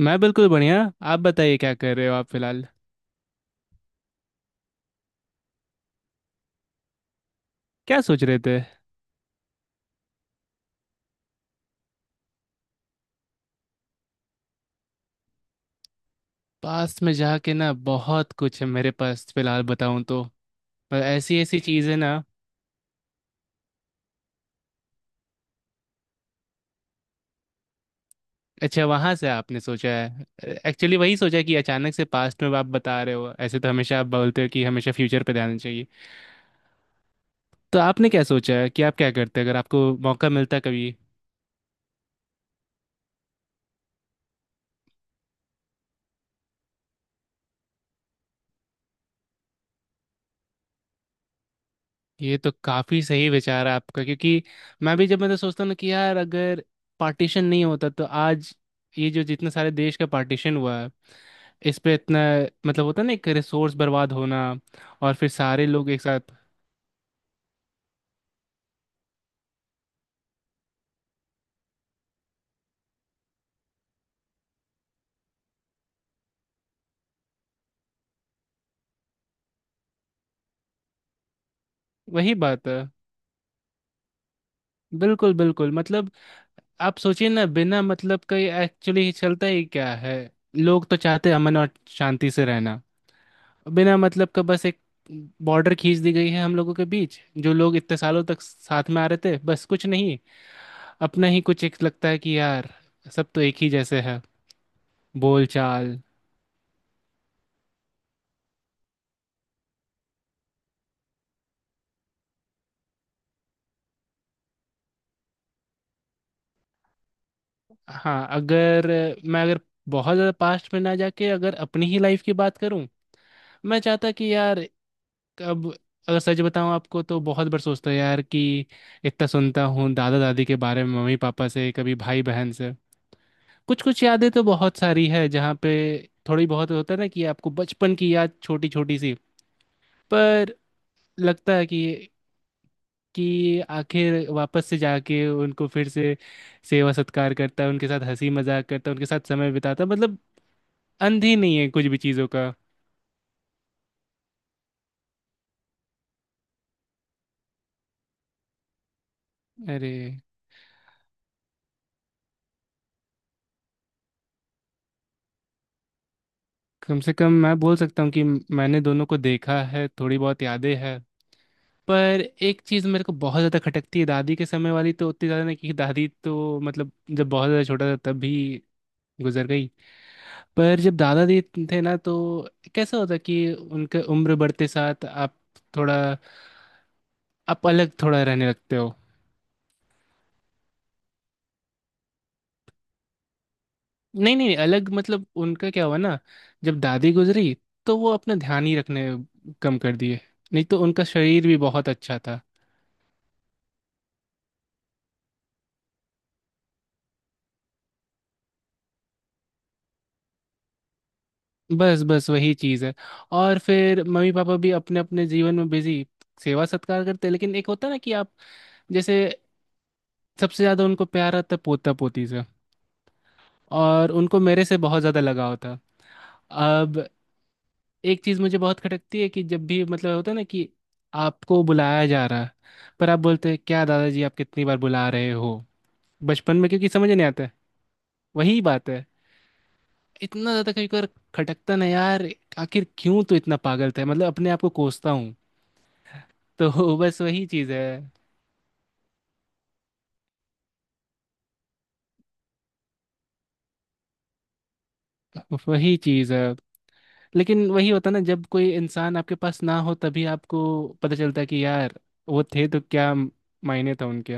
मैं बिल्कुल बढ़िया। आप बताइए क्या कर रहे हो आप फिलहाल। क्या सोच रहे थे? पास्ट में जाके ना बहुत कुछ है मेरे पास फिलहाल बताऊं तो। पर ऐसी ऐसी चीज़ें ना। अच्छा, वहां से आपने सोचा है? एक्चुअली वही सोचा कि अचानक से पास्ट में आप बता रहे हो, ऐसे तो हमेशा आप बोलते हो कि हमेशा फ्यूचर पे ध्यान देना चाहिए। तो आपने क्या सोचा है कि आप क्या करते अगर आपको मौका मिलता कभी? ये तो काफी सही विचार है आपका, क्योंकि मैं भी, जब मैं तो सोचता हूँ ना कि यार अगर पार्टीशन नहीं होता तो आज ये जो जितने सारे देश का पार्टीशन हुआ है, इस पे इतना मतलब होता है ना, एक रिसोर्स बर्बाद होना। और फिर सारे लोग एक साथ। वही बात है। बिल्कुल बिल्कुल, मतलब आप सोचिए ना, बिना मतलब का ये एक्चुअली चलता ही क्या है? लोग तो चाहते हैं अमन और शांति से रहना। बिना मतलब का बस एक बॉर्डर खींच दी गई है हम लोगों के बीच, जो लोग इतने सालों तक साथ में आ रहे थे। बस कुछ नहीं, अपना ही कुछ एक लगता है कि यार सब तो एक ही जैसे है। बोल चाल। हाँ, अगर बहुत ज़्यादा पास्ट में ना जाके अगर अपनी ही लाइफ की बात करूं, मैं चाहता कि यार अब, अगर सच बताऊं आपको तो बहुत बार सोचता यार कि इतना सुनता हूँ दादा दादी के बारे में मम्मी पापा से, कभी भाई बहन से। कुछ कुछ यादें तो बहुत सारी है, जहाँ पे थोड़ी बहुत होता है ना कि आपको बचपन की याद छोटी छोटी सी। पर लगता है कि आखिर वापस से जाके उनको फिर से सेवा सत्कार करता है, उनके साथ हंसी मजाक करता है, उनके साथ समय बिताता है, मतलब अंत ही नहीं है कुछ भी चीज़ों का। अरे, कम से कम मैं बोल सकता हूँ कि मैंने दोनों को देखा है, थोड़ी बहुत यादें हैं। पर एक चीज़ मेरे को बहुत ज़्यादा खटकती है, दादी के समय वाली तो उतनी ज़्यादा नहीं क्योंकि दादी तो मतलब जब बहुत ज़्यादा छोटा था तब भी गुजर गई। पर जब दादा जी थे ना, तो कैसा होता कि उनके उम्र बढ़ते साथ आप थोड़ा, आप अलग थोड़ा रहने लगते हो। नहीं नहीं, अलग मतलब उनका क्या हुआ ना, जब दादी गुजरी तो वो अपना ध्यान ही रखने कम कर दिए। नहीं तो उनका शरीर भी बहुत अच्छा था। बस बस वही चीज़ है। और फिर मम्मी पापा भी अपने अपने जीवन में बिजी, सेवा सत्कार करते हैं, लेकिन एक होता है ना कि आप जैसे सबसे ज़्यादा उनको प्यार आता है पोता पोती से। और उनको मेरे से बहुत ज़्यादा लगाव था। अब एक चीज मुझे बहुत खटकती है कि जब भी मतलब होता है ना कि आपको बुलाया जा रहा है, पर आप बोलते हैं क्या दादाजी आप कितनी बार बुला रहे हो? बचपन में क्योंकि समझ नहीं आता है। वही बात है, इतना ज्यादा कभी कभार खटकता ना यार, आखिर क्यों तो इतना पागल था, मतलब अपने आप को कोसता हूँ तो बस वही चीज है। वही चीज है, लेकिन वही होता ना, जब कोई इंसान आपके पास ना हो तभी आपको पता चलता है कि यार वो थे तो क्या मायने था उनके।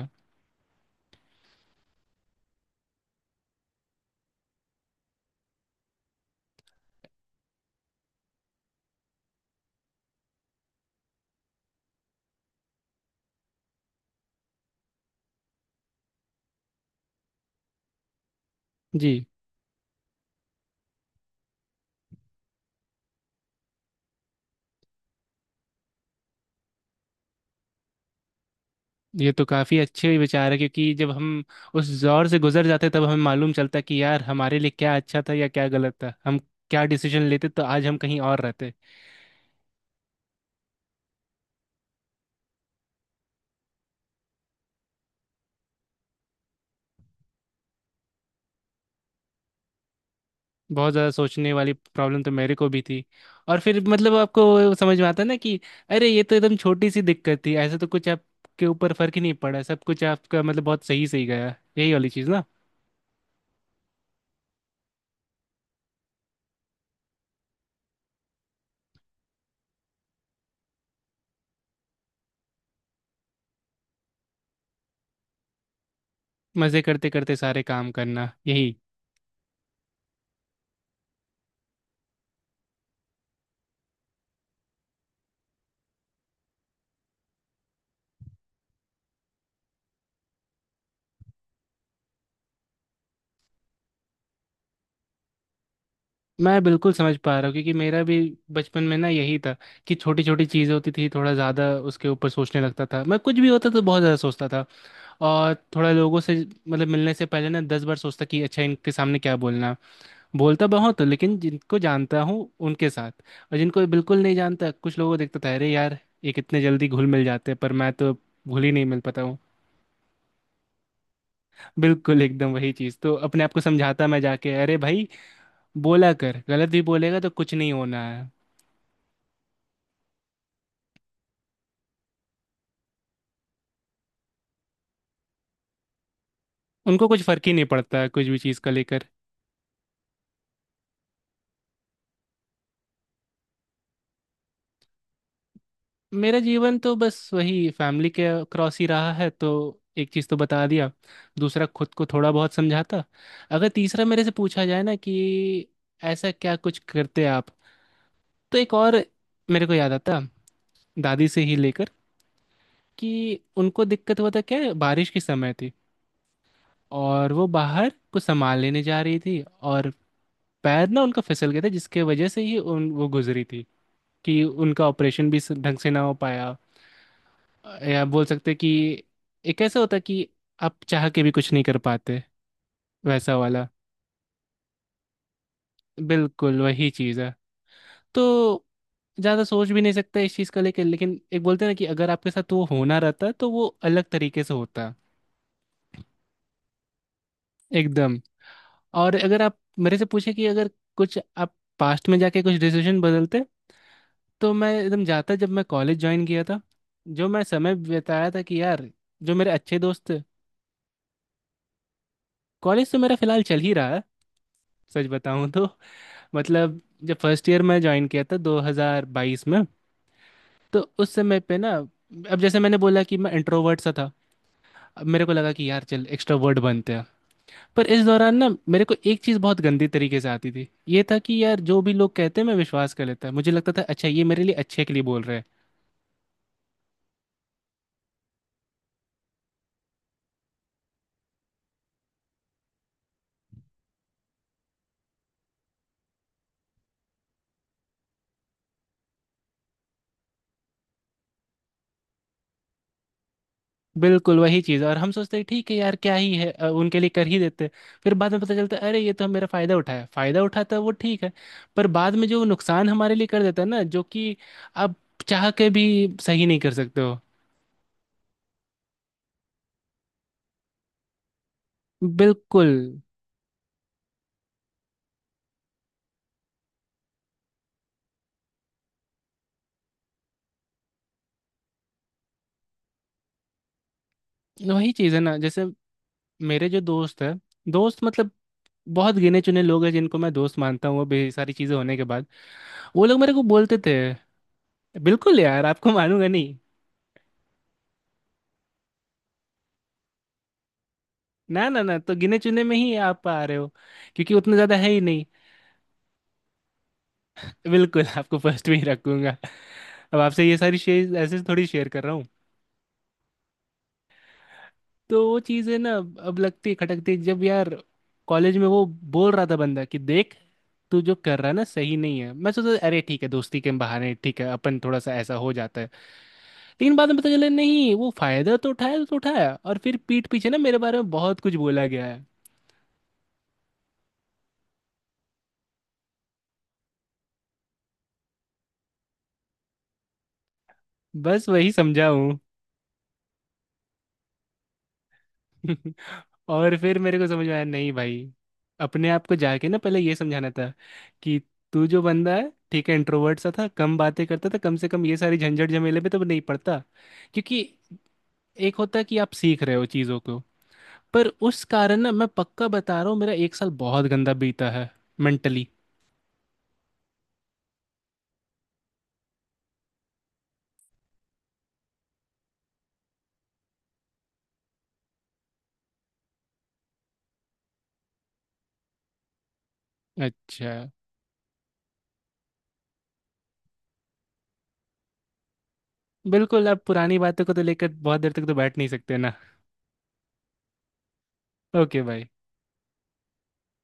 जी। ये तो काफी अच्छे विचार है, क्योंकि जब हम उस दौर से गुजर जाते तब हमें मालूम चलता है कि यार हमारे लिए क्या अच्छा था या क्या गलत था, हम क्या डिसीजन लेते तो आज हम कहीं और रहते। बहुत ज़्यादा सोचने वाली प्रॉब्लम तो मेरे को भी थी। और फिर मतलब आपको समझ में आता है ना कि अरे ये तो एकदम छोटी सी दिक्कत थी, ऐसे तो कुछ आपके ऊपर फर्क ही नहीं पड़ा, सब कुछ आपका मतलब बहुत सही सही गया, यही वाली चीज़ ना। मज़े करते करते सारे काम करना, यही। मैं बिल्कुल समझ पा रहा हूँ, क्योंकि मेरा भी बचपन में ना यही था कि छोटी छोटी चीज़ होती थी, थोड़ा ज़्यादा उसके ऊपर सोचने लगता था मैं, कुछ भी होता तो बहुत ज़्यादा सोचता था। और थोड़ा लोगों से, मतलब मिलने से पहले ना 10 बार सोचता कि अच्छा इनके सामने क्या बोलना है। बोलता बहुत हूँ लेकिन जिनको जानता हूँ उनके साथ। और जिनको बिल्कुल नहीं जानता, कुछ लोगों को देखता था, अरे यार ये कितने जल्दी घुल मिल जाते हैं, पर मैं तो घुल ही नहीं मिल पाता हूँ। बिल्कुल एकदम वही चीज़, तो अपने आप को समझाता मैं जाके, अरे भाई बोला कर, गलत भी बोलेगा तो कुछ नहीं होना है। उनको कुछ फर्क ही नहीं पड़ता कुछ भी चीज़ का लेकर। मेरा जीवन तो बस वही फैमिली के क्रॉस ही रहा है, तो एक चीज़ तो बता दिया। दूसरा, खुद को थोड़ा बहुत समझाता। अगर तीसरा मेरे से पूछा जाए ना कि ऐसा क्या कुछ करते आप, तो एक और मेरे को याद आता, दादी से ही लेकर कि उनको दिक्कत हुआ था, क्या है, बारिश के समय थी और वो बाहर कुछ सामान लेने जा रही थी, और पैर ना उनका फिसल गया था, जिसके वजह से ही उन वो गुजरी थी। कि उनका ऑपरेशन भी ढंग से ना हो पाया, या बोल सकते कि एक ऐसा होता कि आप चाह के भी कुछ नहीं कर पाते। वैसा वाला। बिल्कुल वही चीज़ है, तो ज़्यादा सोच भी नहीं सकता इस चीज़ को लेकर, लेकिन एक बोलते हैं ना कि अगर आपके साथ वो होना रहता तो वो अलग तरीके से होता। एकदम। और अगर आप मेरे से पूछे कि अगर कुछ आप पास्ट में जाके कुछ डिसीजन बदलते, तो मैं एकदम जाता जब मैं कॉलेज ज्वाइन किया था, जो मैं समय बिताया था, कि यार जो मेरे अच्छे दोस्त थे। कॉलेज तो मेरा फिलहाल चल ही रहा है, सच बताऊं तो। मतलब जब फर्स्ट ईयर में ज्वाइन किया था 2022 में, तो उस समय पे ना, अब जैसे मैंने बोला कि मैं इंट्रोवर्ट सा था, अब मेरे को लगा कि यार चल एक्सट्रोवर्ट बनते हैं। पर इस दौरान ना मेरे को एक चीज़ बहुत गंदी तरीके से आती थी, ये था कि यार जो भी लोग कहते हैं मैं विश्वास कर लेता, मुझे लगता था अच्छा ये मेरे लिए अच्छे के लिए बोल रहे हैं। बिल्कुल वही चीज़, और हम सोचते हैं ठीक है यार, क्या ही है, उनके लिए कर ही देते हैं। फिर बाद में पता चलता है अरे ये तो मेरा फ़ायदा उठाया, फ़ायदा उठाता है वो ठीक है, पर बाद में जो नुकसान हमारे लिए कर देता है ना, जो कि आप चाह के भी सही नहीं कर सकते हो। बिल्कुल। वही चीज़ है ना, जैसे मेरे जो दोस्त है, दोस्त मतलब बहुत गिने चुने लोग हैं जिनको मैं दोस्त मानता हूँ, वो भी सारी चीज़ें होने के बाद। वो लोग मेरे को बोलते थे। बिल्कुल यार, आपको मानूंगा नहीं? ना ना ना, तो गिने चुने में ही आप आ रहे हो, क्योंकि उतना ज़्यादा है ही नहीं। बिल्कुल आपको फर्स्ट में ही रखूंगा। अब आपसे ये सारी चीज ऐसे थोड़ी शेयर कर रहा हूँ। तो वो चीज़ है ना, अब लगती है खटकती है, जब यार कॉलेज में वो बोल रहा था बंदा कि देख तू जो कर रहा है ना सही नहीं है, मैं सोचा अरे ठीक है दोस्ती के बहाने, ठीक है अपन थोड़ा सा ऐसा हो जाता है। लेकिन बाद में पता चला नहीं, वो फायदा तो उठाया तो उठाया, और फिर पीठ पीछे ना मेरे बारे में बहुत कुछ बोला गया है। बस वही समझा हूँ। और फिर मेरे को समझ में आया, नहीं भाई अपने आप को जाके ना पहले ये समझाना था कि तू जो बंदा है ठीक है, इंट्रोवर्ट सा था, कम बातें करता था, कम से कम ये सारी झंझट झमेले में तो नहीं पड़ता, क्योंकि एक होता है कि आप सीख रहे हो चीज़ों को, पर उस कारण ना मैं पक्का बता रहा हूँ मेरा एक साल बहुत गंदा बीता है, मेंटली। अच्छा। बिल्कुल, अब पुरानी बातों को तो लेकर बहुत देर तक तो बैठ नहीं सकते ना। ओके भाई।